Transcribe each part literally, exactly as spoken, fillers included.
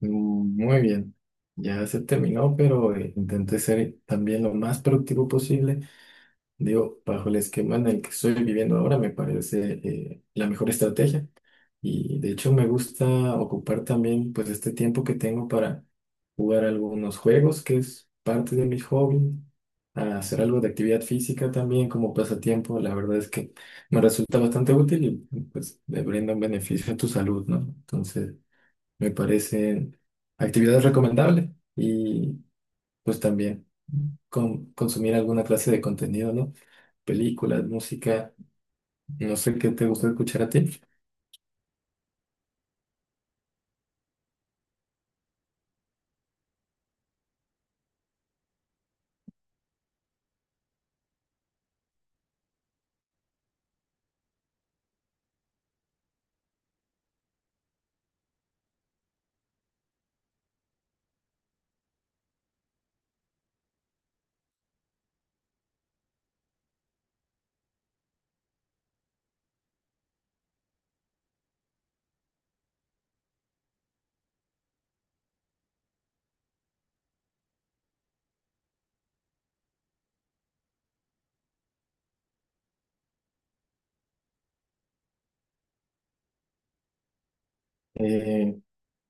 Mm, muy bien, ya se terminó, pero eh, intenté ser también lo más productivo posible. Digo, bajo el esquema en el que estoy viviendo ahora, me parece eh, la mejor estrategia. Y de hecho me gusta ocupar también pues este tiempo que tengo para jugar algunos juegos, que es parte de mi hobby, a hacer algo de actividad física también como pasatiempo. La verdad es que me resulta bastante útil y pues le brinda un beneficio a tu salud, ¿no? Entonces me parecen actividades recomendables y pues también con- consumir alguna clase de contenido, ¿no? Películas, música, no sé qué te gusta escuchar a ti. Eh,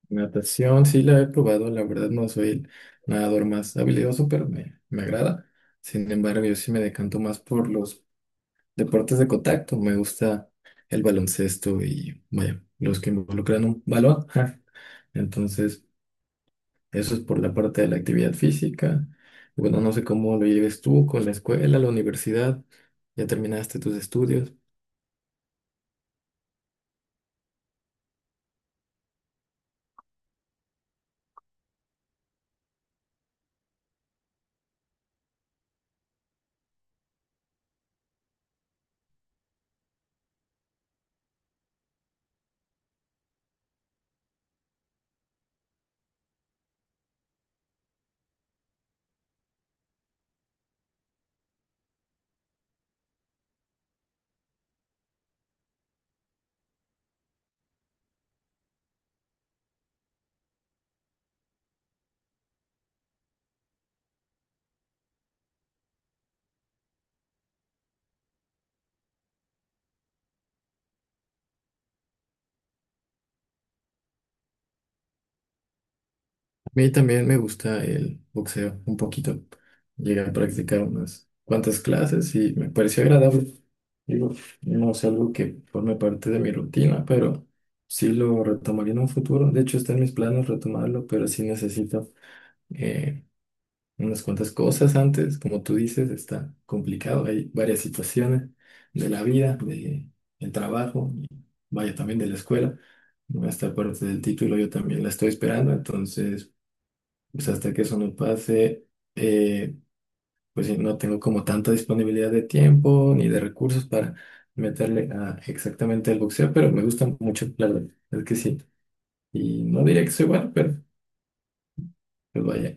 natación, sí la he probado, la verdad no soy el nadador más habilidoso, pero me, me agrada. Sin embargo, yo sí me decanto más por los deportes de contacto. Me gusta el baloncesto y, vaya, los que involucran un balón. Entonces eso es por la parte de la actividad física. Bueno, no sé cómo lo lleves tú con la escuela, la universidad. Ya terminaste tus estudios. A mí también me gusta el boxeo un poquito. Llegué a practicar unas cuantas clases y me pareció agradable. Digo, no es algo que forme parte de mi rutina, pero sí lo retomaría en un futuro. De hecho, está en mis planes retomarlo, pero sí necesito eh, unas cuantas cosas antes. Como tú dices, está complicado, hay varias situaciones de la vida, de el trabajo, y vaya también de la escuela. Esta parte del título yo también la estoy esperando, entonces pues hasta que eso no pase, eh, pues eh, no tengo como tanta disponibilidad de tiempo ni de recursos para meterle a exactamente al boxeo, pero me gusta mucho, la verdad, es que sí. Y no diría que soy bueno, pero pues vaya,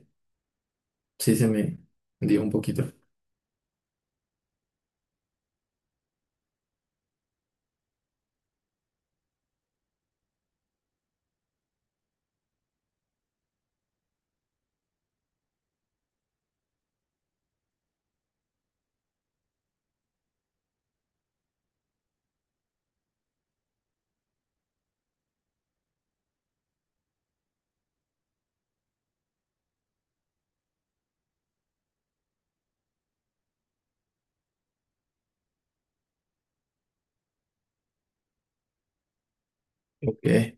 sí se me dio un poquito. Ok.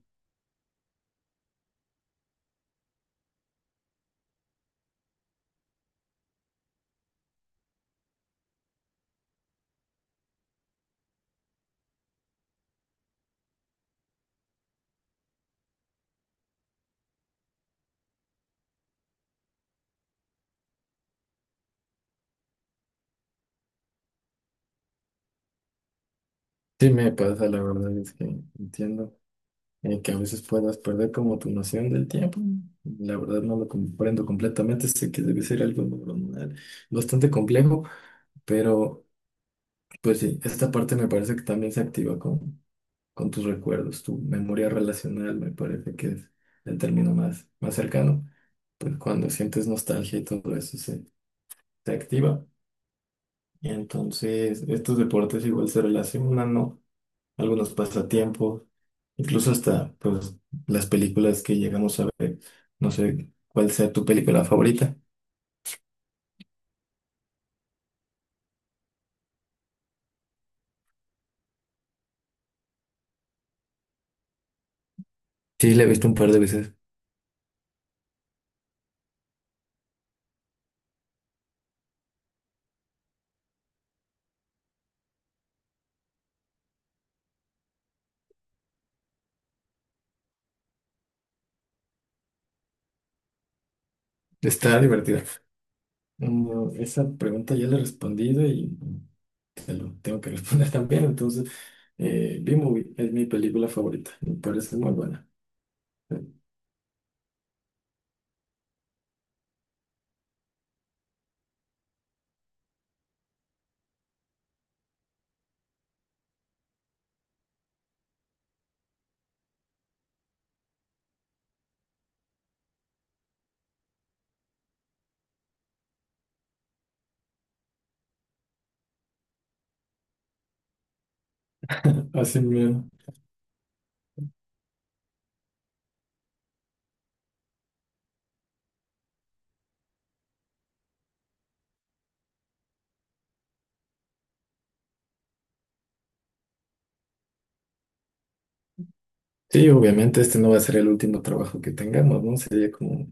Sí me pasa, la verdad es que entiendo eh, que a veces puedas perder como tu noción del tiempo. La verdad no lo comprendo completamente, sé que debe ser algo neuronal bastante complejo, pero pues sí, esta parte me parece que también se activa con, con tus recuerdos, tu memoria relacional me parece que es el término más, más cercano. Pues cuando sientes nostalgia y todo eso se, se activa. Y entonces estos deportes igual se relacionan, ¿no? Algunos pasatiempos, incluso hasta pues las películas que llegamos a ver. No sé cuál sea tu película favorita. Sí, la he visto un par de veces. Está divertida. Mm, esa pregunta ya la he respondido y te lo tengo que responder también. Entonces, eh, B-Movie es mi película favorita. Me parece muy buena. Así mismo. Sí, obviamente este no va a ser el último trabajo que tengamos, ¿no? Sería como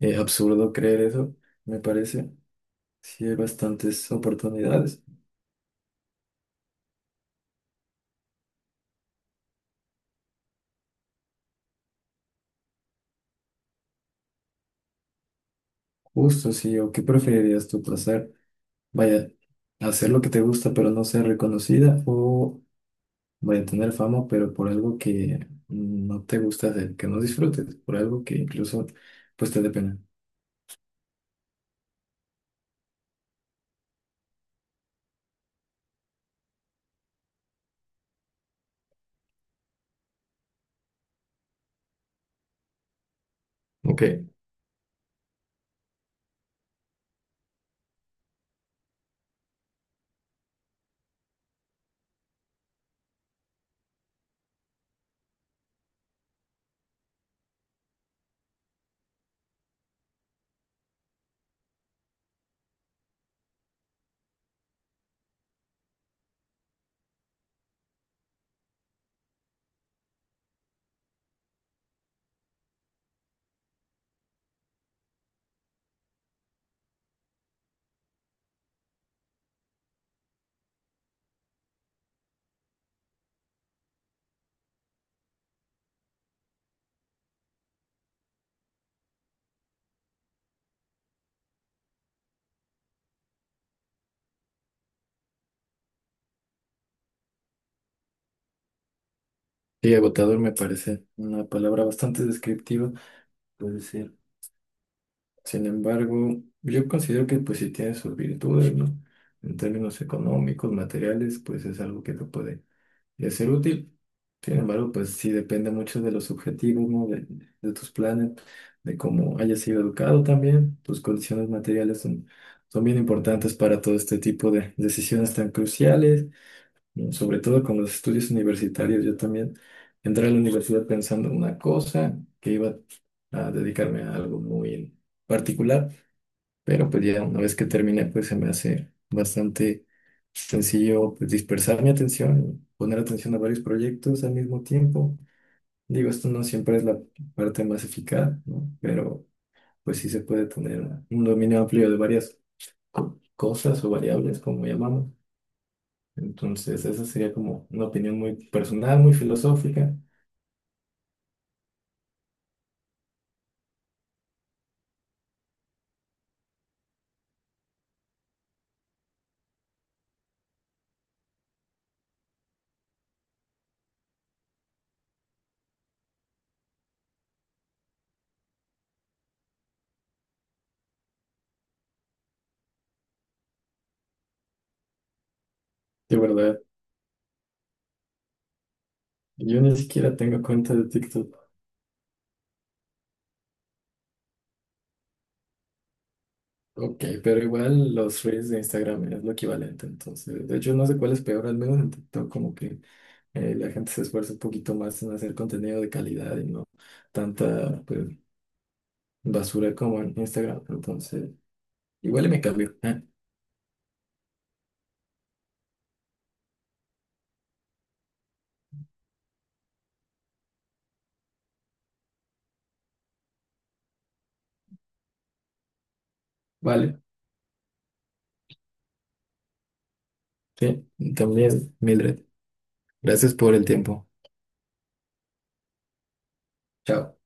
eh, absurdo creer eso, me parece. Sí, hay bastantes oportunidades. Justo, sí, o qué preferirías tú pasar, vaya, hacer lo que te gusta pero no ser reconocida o vaya tener fama pero por algo que no te gusta hacer, que no disfrutes, por algo que incluso pues te dé pena. Ok, sí, agotador me parece una palabra bastante descriptiva, puede ser. Sin embargo, yo considero que pues si tiene sus virtudes, ¿no? En términos económicos, materiales, pues es algo que te puede de ser útil. Sin embargo, pues sí depende mucho de los objetivos, ¿no? De, de tus planes, de cómo hayas sido educado también. Tus condiciones materiales son, son bien importantes para todo este tipo de decisiones tan cruciales, ¿no? Sobre todo con los estudios universitarios. Yo también entré a la universidad pensando en una cosa, que iba a dedicarme a algo muy particular. Pero pues ya una vez que termine, pues se me hace bastante sencillo pues dispersar mi atención, poner atención a varios proyectos al mismo tiempo. Digo, esto no siempre es la parte más eficaz, ¿no? Pero pues sí se puede tener un dominio amplio de varias co- cosas o variables, como llamamos. Entonces, esa sería como una opinión muy personal, muy filosófica. De verdad, yo ni siquiera tengo cuenta de TikTok. Ok, pero igual los reels de Instagram es lo equivalente, entonces, de hecho no sé cuál es peor. Al menos en TikTok como que eh, la gente se esfuerza un poquito más en hacer contenido de calidad y no tanta pues, basura como en Instagram, entonces, igual y me cambio. Ah, vale, sí, también, Mildred, gracias por el tiempo. Chao.